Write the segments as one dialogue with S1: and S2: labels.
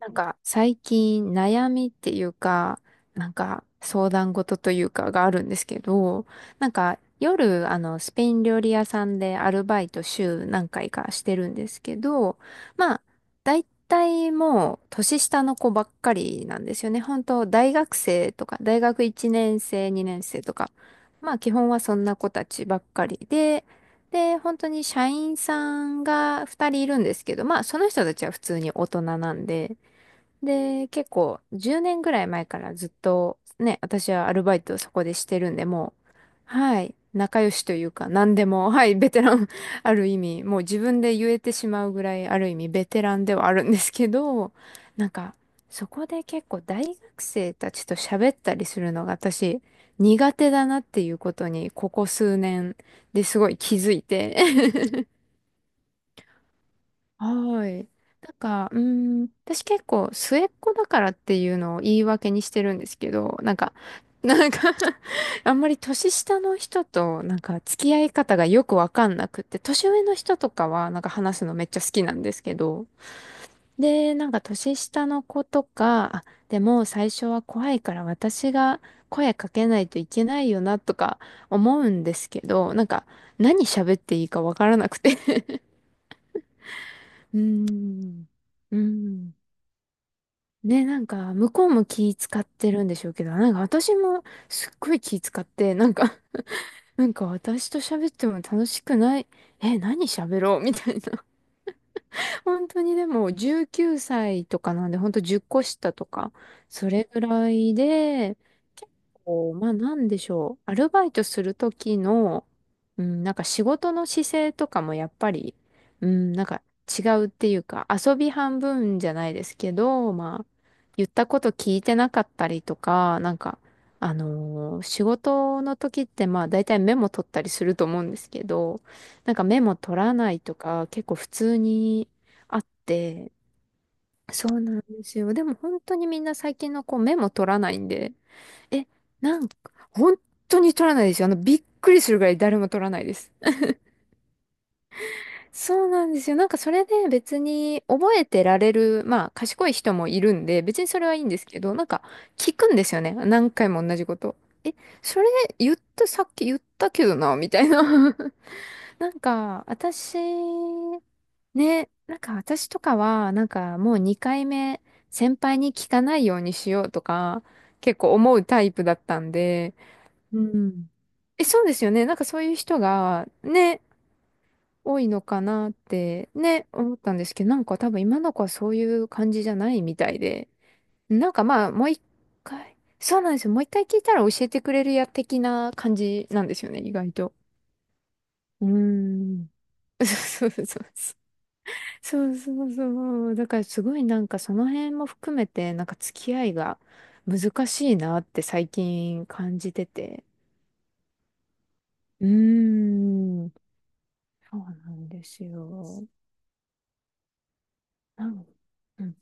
S1: 最近悩みっていうか、相談事というかがあるんですけど、夜スペイン料理屋さんでアルバイト週何回かしてるんですけど、まあ大体もう年下の子ばっかりなんですよね。本当大学生とか大学1年生、2年生とか、まあ基本はそんな子たちばっかりで、で、本当に社員さんが2人いるんですけど、まあその人たちは普通に大人なんで、で、結構10年ぐらい前からずっとね、私はアルバイトをそこでしてるんで、もう、はい、仲良しというか、何でも、はい、ベテラン ある意味、もう自分で言えてしまうぐらい、ある意味ベテランではあるんですけど、なんか、そこで結構大学生たちと喋ったりするのが私、苦手だなっていうことに、ここ数年ですごい気づいて はい。私結構末っ子だからっていうのを言い訳にしてるんですけど、なんか あんまり年下の人と付き合い方がよくわかんなくって、年上の人とかは話すのめっちゃ好きなんですけど、で、年下の子とか、あ、でも最初は怖いから私が声かけないといけないよなとか思うんですけど、何喋っていいかわからなくて うーん。うーんね、向こうも気使ってるんでしょうけど、私もすっごい気使って、私と喋っても楽しくない。え、何喋ろうみたいな。本当にでも19歳とかなんで、本当10個下とか、それぐらいで、結構、まあなんでしょう、アルバイトする時の、うん、仕事の姿勢とかもやっぱり、うん、違うっていうか、遊び半分じゃないですけど、まあ、言ったこと聞いてなかったりとか、仕事の時ってまあ大体メモ取ったりすると思うんですけど、メモ取らないとか結構普通にあって、そうなんですよ。でも本当にみんな最近の子メモ取らないんで、え、なんか、本当に取らないですよ。あの、びっくりするぐらい誰も取らないです。そうなんですよ。それで別に覚えてられる、まあ賢い人もいるんで、別にそれはいいんですけど、聞くんですよね。何回も同じこと。え、それ言った、さっき言ったけどな、みたいな。なんか、私、ね、私とかは、もう2回目、先輩に聞かないようにしようとか、結構思うタイプだったんで、うん。え、そうですよね。そういう人が、ね、多いのかなって、ね、思ったんですけど、多分今の子はそういう感じじゃないみたいで、まあ、もう一回、そうなんですよ。もう一回聞いたら教えてくれるや、的な感じなんですよね、意外と。うーん。そうそうそう。そうそうそう。だからすごいその辺も含めて付き合いが難しいなって最近感じてて。うーん。そうなんですよ。なんうん。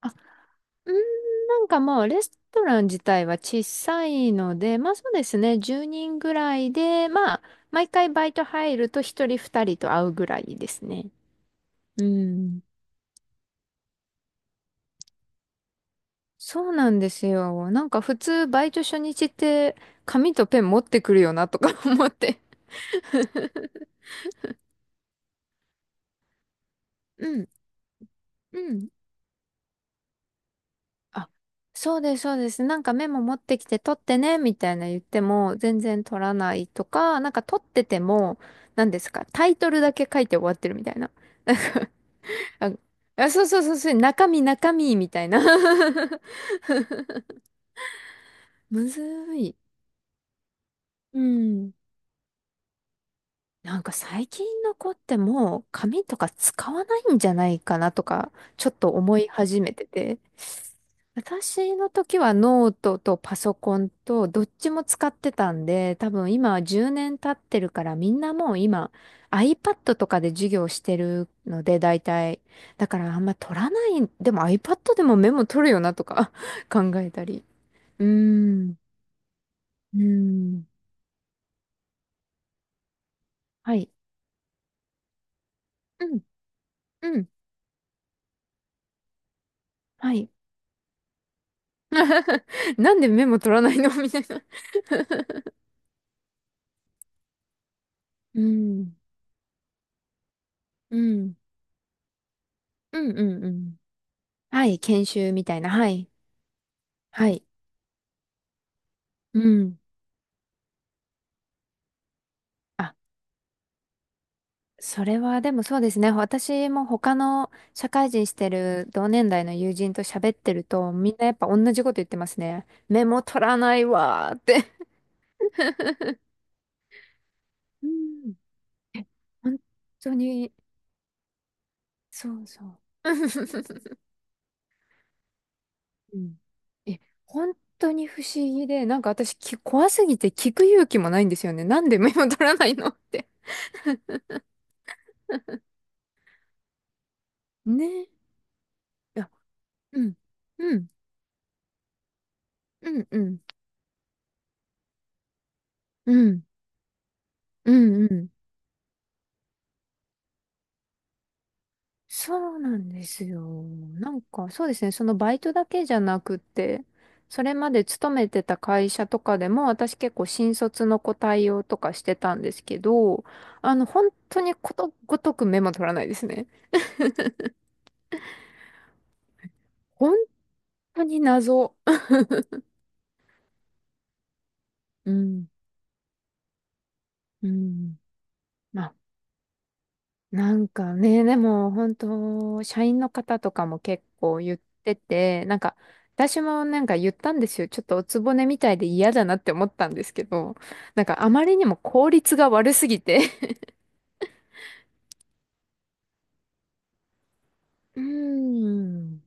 S1: あ、うーん、まあレストラン自体は小さいので、まあそうですね。10人ぐらいで、まあ毎回バイト入ると1人2人と会うぐらいですね。うん。そうなんですよ。普通バイト初日って紙とペン持ってくるよなとか 思って。うん、うん。あ、そうです、そうです。メモ持ってきて取ってね、みたいな言っても全然取らないとか、取ってても、何ですか、タイトルだけ書いて終わってるみたいな。なんか、あ、あそうそうそうそう、中身中身みたいな。むずい。うん。最近の子ってもう紙とか使わないんじゃないかなとか、ちょっと思い始めてて。私の時はノートとパソコンとどっちも使ってたんで、多分今は10年経ってるからみんなもう今 iPad とかで授業してるので大体。だからあんま取らない、でも iPad でもメモ取るよなとか 考えたり。うーん、うーん。はい。うん、うん。はい。なんでメモ取らないの みたいな。うん。うん。うんうんうん。はい。研修みたいな。はい。はい。うん。あ、それはでもそうですね。私も他の社会人してる同年代の友人と喋ってると、みんなやっぱ同じこと言ってますね。メモ取らないわーって うん。え本当に、そうそう。うんえ、本当に不思議で、私き、怖すぎて聞く勇気もないんですよね。なんでメモ取らないのって。ね。いや、うん、うん、うん、うん、うん、うん、うん。そうなんですよ。そうですね。そのバイトだけじゃなくって、それまで勤めてた会社とかでも、私結構新卒の子対応とかしてたんですけど、あの、本当にことごとくメモ取らないですね。本当に謎。うん、うん。まあ、なんかね、でも本当、社員の方とかも結構言ってて、私も言ったんですよ。ちょっとおつぼねみたいで嫌だなって思ったんですけど、あまりにも効率が悪すぎて うーん。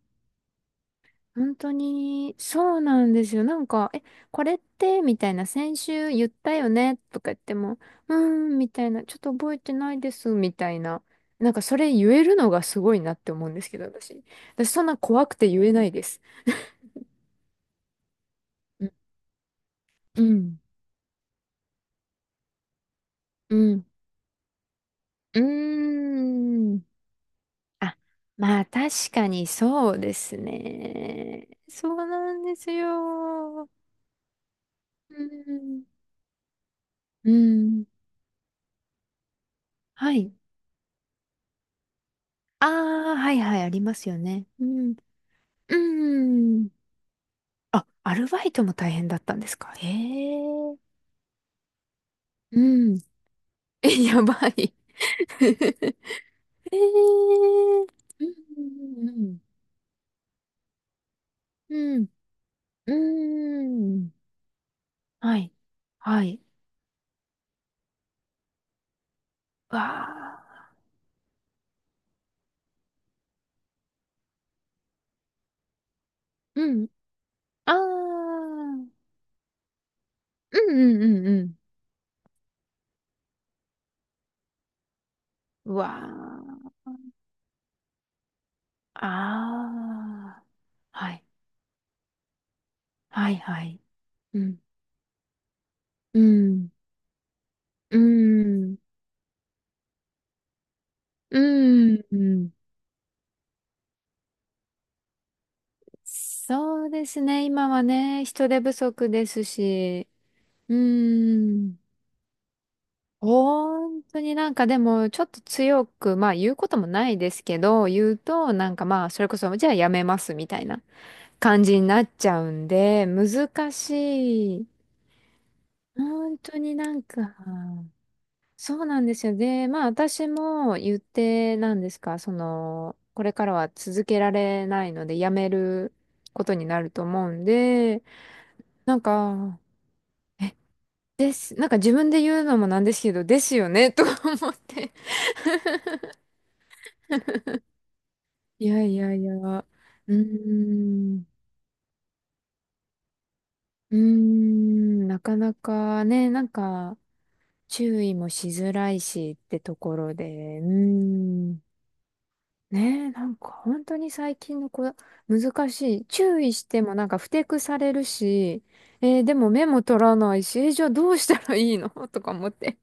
S1: 本当に、そうなんですよ。え、これって、みたいな、先週言ったよね、とか言っても、うーん、みたいな、ちょっと覚えてないです、みたいな。それ言えるのがすごいなって思うんですけど、私。私、そんな怖くて言えないです。うん、うん、うん。うーんあまあ確かにそうですね。そうなんですよ。うん。うん。はい。ああ、はいはい、ありますよね。うん。うーん。あ、アルバイトも大変だったんですか。へえ。うん。え、やばい。へえうんうんうんうん。うん。はい。はい。わあ。うん。ああ。うんうんうんうん。うわあ。ああ。はい。はいはい。うん。うん。うん。うん。うん。そうですね。今はね、人手不足ですし、うーん。本当にでも、ちょっと強く、まあ言うこともないですけど、言うと、まあ、それこそ、じゃあやめますみたいな感じになっちゃうんで、難しい。本当にそうなんですよ。で、まあ私も言って、なんですか、その、これからは続けられないので、やめることになると思うんで、なんか、え、です。自分で言うのもなんですけど、ですよね、とか思って。いやいやいや。うーん。うーん。なかなかね、注意もしづらいしってところで、うーん。ねえ、本当に最近の子、難しい。注意しても不適されるし、えーでも目も取らないし、えーじゃあどうしたらいいの とか思って。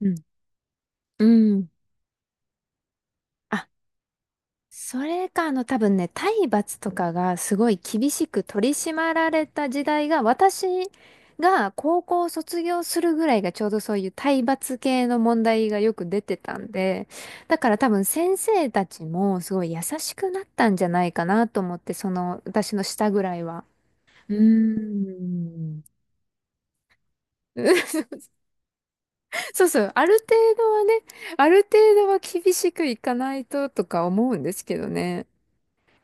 S1: うん。うん。それか、あの、多分ね、体罰とかがすごい厳しく取り締まられた時代が、私が高校を卒業するぐらいがちょうどそういう体罰系の問題がよく出てたんで、だから多分先生たちもすごい優しくなったんじゃないかなと思って、その、私の下ぐらいは。うーん。そうそう、ある程度はね、ある程度は厳しくいかないととか思うんですけどね。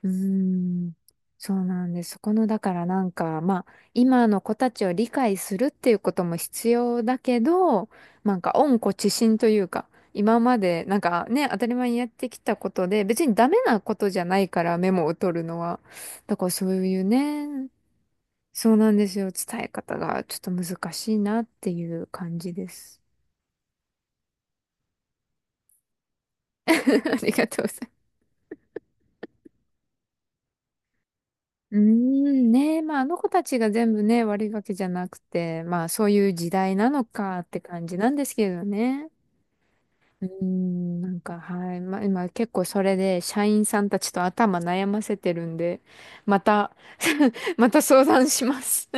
S1: うーん、そうなんです。そこの、だからまあ、今の子たちを理解するっていうことも必要だけど、温故知新というか、今まで、なんかね、当たり前にやってきたことで、別にダメなことじゃないから、メモを取るのは。だからそういうね、そうなんですよ。伝え方がちょっと難しいなっていう感じです。ありがとうございます。うーん、ねまあ、あの子たちが全部ね、悪いわけじゃなくて、まあ、そういう時代なのかって感じなんですけどね。うーん、はい。まあ、今結構それで、社員さんたちと頭悩ませてるんで、また また相談します